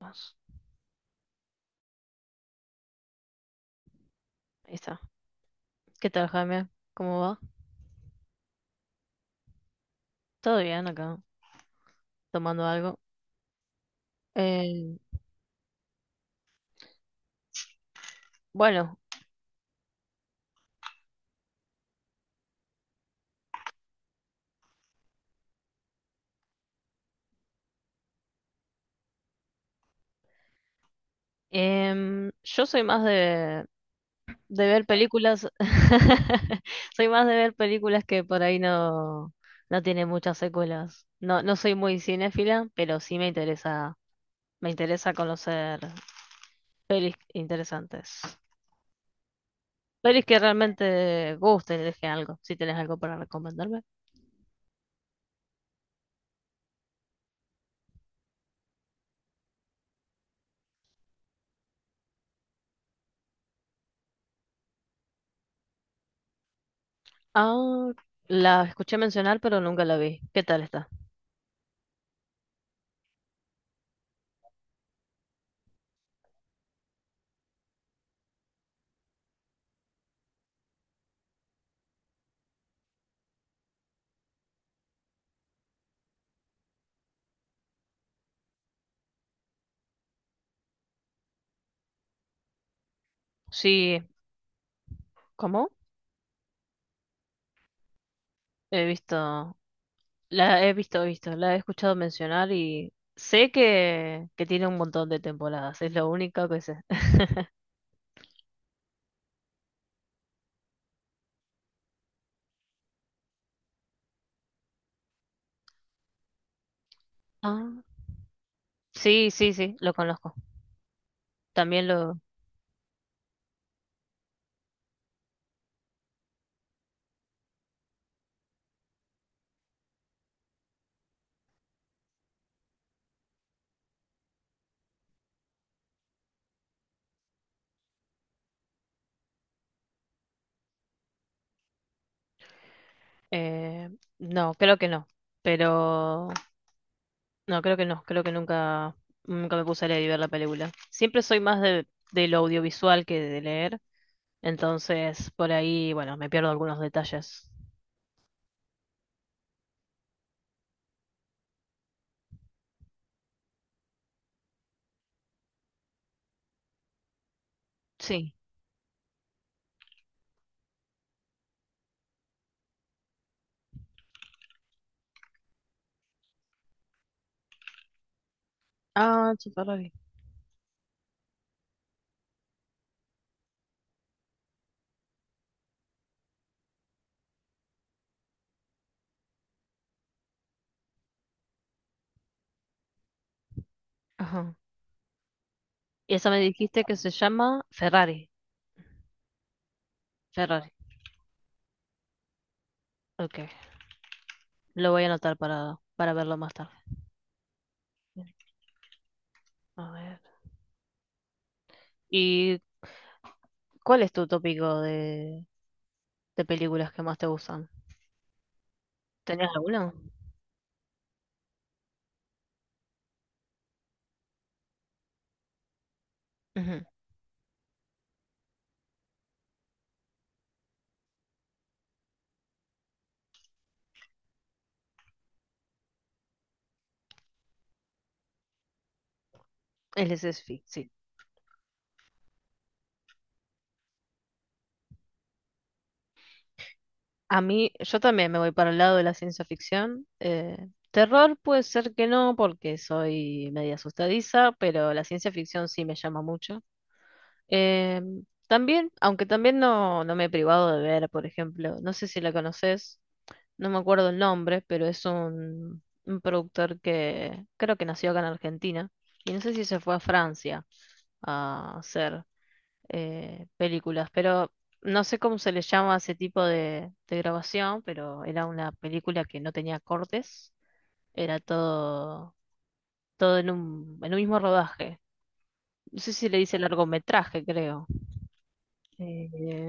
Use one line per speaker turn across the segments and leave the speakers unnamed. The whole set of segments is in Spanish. Vamos, ahí está. ¿Qué tal, Jaime? ¿Cómo va? Todo bien acá, tomando algo. Eh, bueno, yo soy más de ver películas. Soy más de ver películas que por ahí no tiene muchas secuelas. No soy muy cinéfila, pero sí me me interesa conocer pelis interesantes. Pelis que realmente gusten, deje algo, si tenés algo para recomendarme. Ah, la escuché mencionar, pero nunca la vi. ¿Qué tal está? Sí, ¿cómo? He la he visto, la he escuchado mencionar y sé que tiene un montón de temporadas, es lo único que sé. Ah, sí, sí, sí, lo conozco. También lo... eh, no, creo que no, pero... No, creo que no, creo que nunca me puse a leer y ver la película. Siempre soy más de lo audiovisual que de leer, entonces por ahí, bueno, me pierdo algunos detalles. Sí. Ah, Chiparrori. Y esa me dijiste que se llama Ferrari. Ferrari. Ok. Lo voy a anotar para verlo más tarde. A ver. ¿Y cuál es tu tópico de películas que más te gustan? ¿Tenías alguna? Ujú. El SF, sí. A mí, yo también me voy para el lado de la ciencia ficción. Terror puede ser que no, porque soy media asustadiza, pero la ciencia ficción sí me llama mucho. Eh, También, aunque también no me he privado de ver, por ejemplo, no sé si la conoces, no me acuerdo el nombre, pero es un productor que creo que nació acá en Argentina y no sé si se fue a Francia a hacer películas, pero no sé cómo se le llama a ese tipo de grabación, pero era una película que no tenía cortes, era todo en en un mismo rodaje. No sé si le dice largometraje, creo. Eh,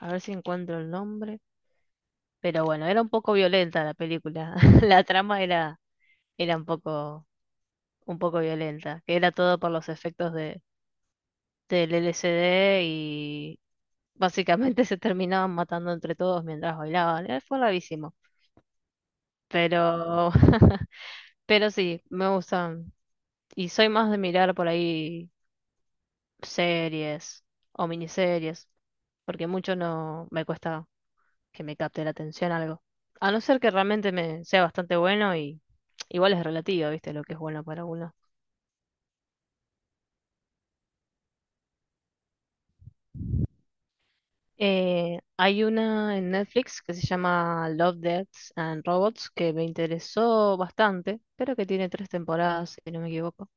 a ver si encuentro el nombre. Pero bueno, era un poco violenta la película. La trama era un poco violenta, que era todo por los efectos del LSD y básicamente se terminaban matando entre todos mientras bailaban. Fue bravísimo. Pero, pero sí, me gustan. Y soy más de mirar por ahí series o miniseries, porque mucho no me cuesta que me capte la atención algo. A no ser que realmente me sea bastante bueno y igual es relativo, ¿viste? Lo que es bueno para uno. Hay una en Netflix que se llama Love, Death and Robots que me interesó bastante, pero que tiene tres temporadas, si no me equivoco.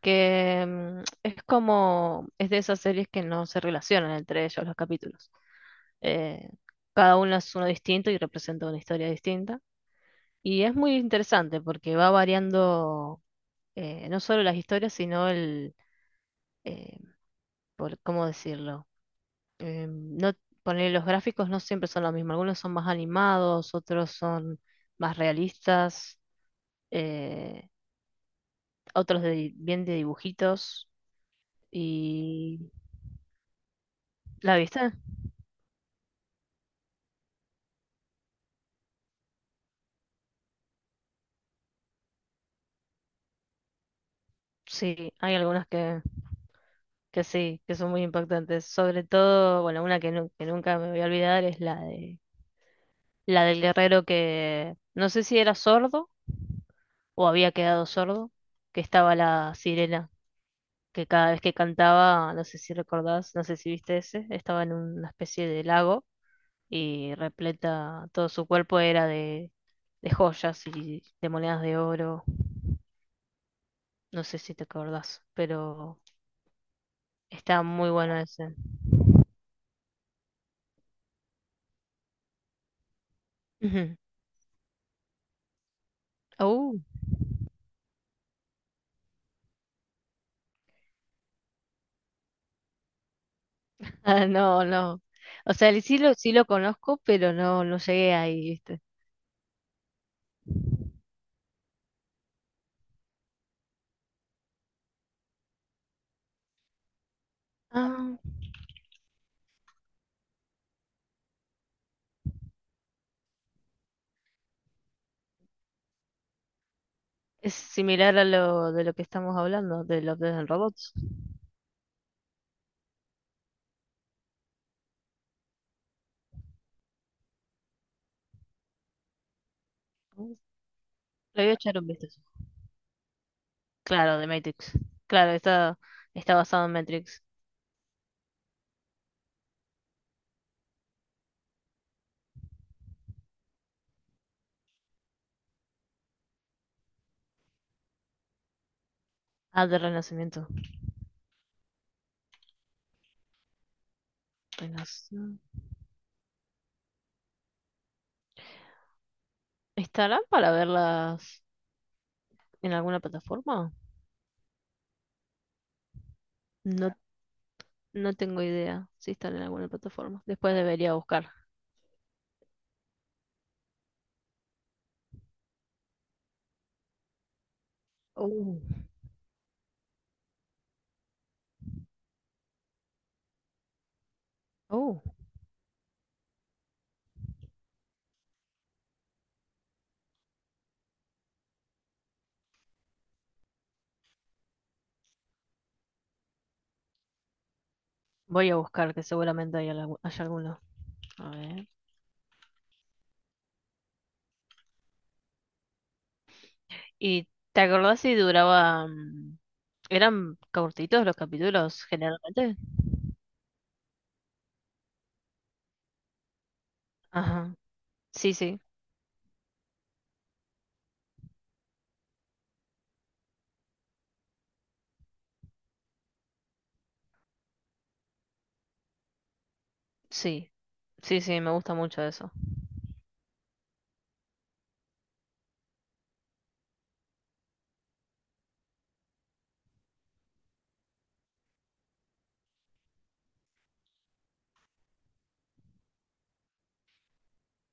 Que es como, es de esas series que no se relacionan entre ellos los capítulos. Eh, Cada uno es uno distinto y representa una historia distinta. Y es muy interesante porque va variando no solo las historias, sino eh, ¿cómo decirlo? eh, no, ponele, los gráficos no siempre son lo mismo. Algunos son más animados, otros son más realistas, eh, otros de bien de dibujitos. ¿Y la vista? Sí, hay algunas que sí, que son muy impactantes. Sobre todo, bueno, una que nunca me voy a olvidar es la de la del guerrero que no sé si era sordo o había quedado sordo, que estaba la sirena que cada vez que cantaba, no sé si recordás, no sé si viste ese, estaba en una especie de lago y repleta, todo su cuerpo era de joyas y de monedas de oro, no sé si te acordás, pero está muy bueno ese. Ujú. Uh, ah, no, no. O sea, el sí sí lo conozco, pero no, no llegué ahí, ¿viste? Ah, es similar a lo de lo que estamos hablando, de los de Robots. Uh, Lo voy a echar un vistazo. Claro, de Matrix. Claro, está basado en Matrix. Ah, de Renacimiento. Renacimiento. ¿Estarán para verlas en alguna plataforma? No, no tengo idea si están en alguna plataforma. Después debería buscar. Oh. Oh. Voy a buscar, que seguramente hay, haya alguno. A ver. ¿Y te acordás si duraba... ¿Eran cortitos los capítulos generalmente? Ajá. Sí, sí, sí. Sí, sí, me gusta mucho eso.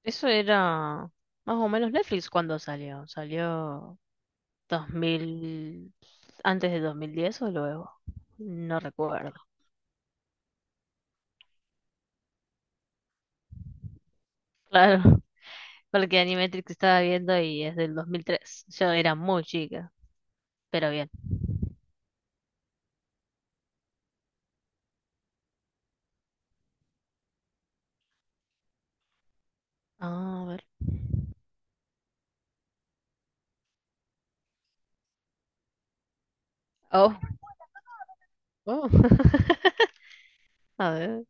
Eso era más o menos Netflix cuando salió. Salió 2000, antes de 2010 o luego. No recuerdo. Claro, porque Animatrix estaba viendo y es del 2003. Yo era muy chica, pero bien. Ah, a ver. Oh, oh. A ver.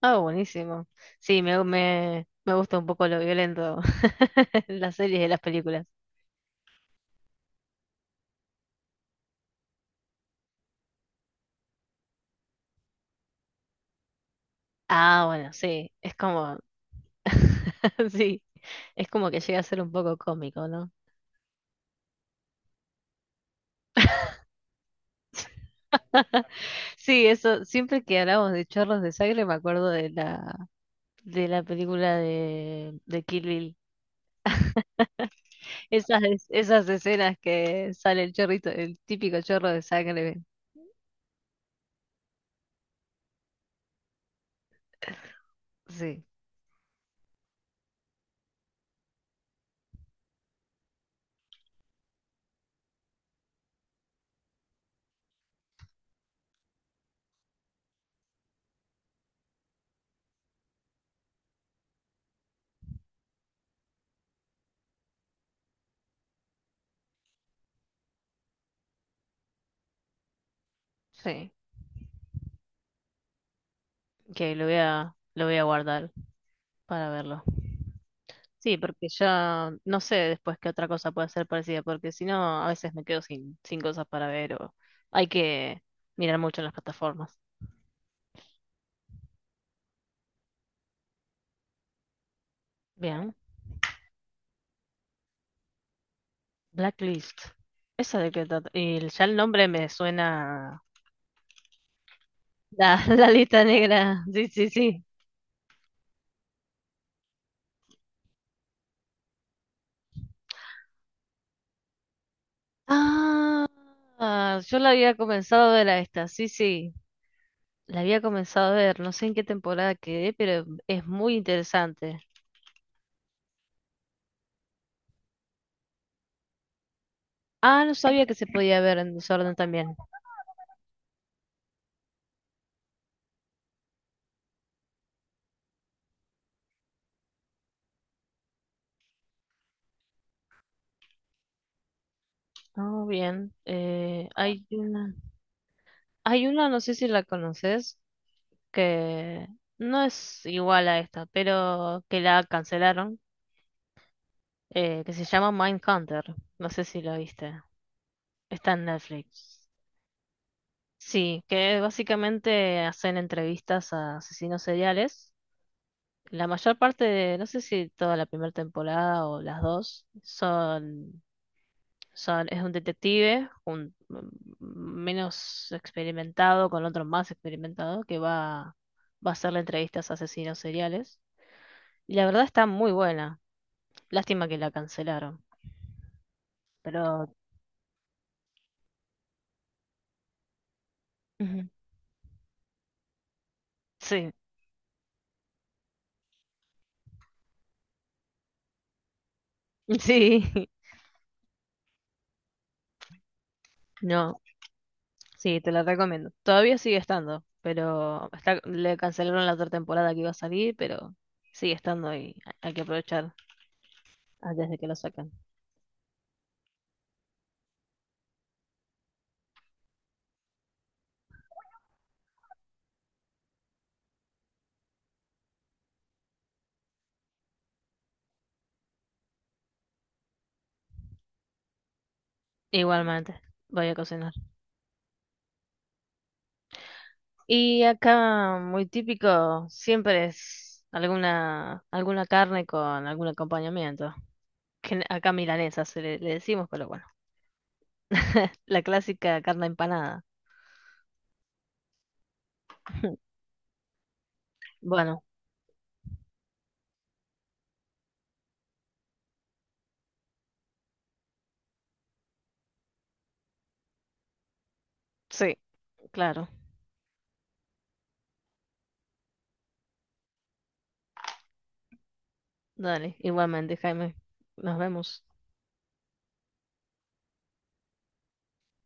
Ah, buenísimo. Sí, me gusta un poco lo violento en las series y las películas. Ah, bueno, sí. Es como sí, es como que llega a ser un poco cómico, ¿no? Sí, eso, siempre que hablamos de chorros de sangre me acuerdo de de la película de Kill Bill. Esas escenas que sale el chorrito, el típico chorro de sangre. Sí, sí, que lo voy a guardar para verlo. Sí, porque ya no sé después qué otra cosa puede ser parecida, porque si no, a veces me quedo sin cosas para ver o hay que mirar mucho en las plataformas. Bien. Blacklist. ¿Esa de qué trata? Y ya el nombre me suena. La, la lista negra. Sí, sí, sí. Ah, ah, yo la había comenzado a ver a esta. Sí, sí. La había comenzado a ver. No sé en qué temporada quedé, pero es muy interesante. Ah, no sabía que se podía ver en desorden también. Oh, bien. Hay una, no sé si la conoces, que no es igual a esta, pero que la cancelaron. Que se llama Mindhunter. No sé si lo viste. Está en Netflix. Sí, que básicamente hacen entrevistas a asesinos seriales. La mayor parte de, no sé si toda la primera temporada o las dos, es un detective, un menos experimentado con otro más experimentado que va a hacerle entrevistas a asesinos seriales. Y la verdad está muy buena. Lástima que la cancelaron, pero ujú. Sí, sí. No, sí, te la recomiendo. Todavía sigue estando, pero está, le cancelaron la otra temporada que iba a salir, pero sigue estando y hay que aprovechar antes de que lo saquen. Igualmente, voy a cocinar. Y acá, muy típico, siempre es alguna carne con algún acompañamiento. Que acá milanesa se le decimos, pero bueno. La clásica carne empanada. Bueno, sí, claro. Dale, igualmente, Jaime. Nos vemos.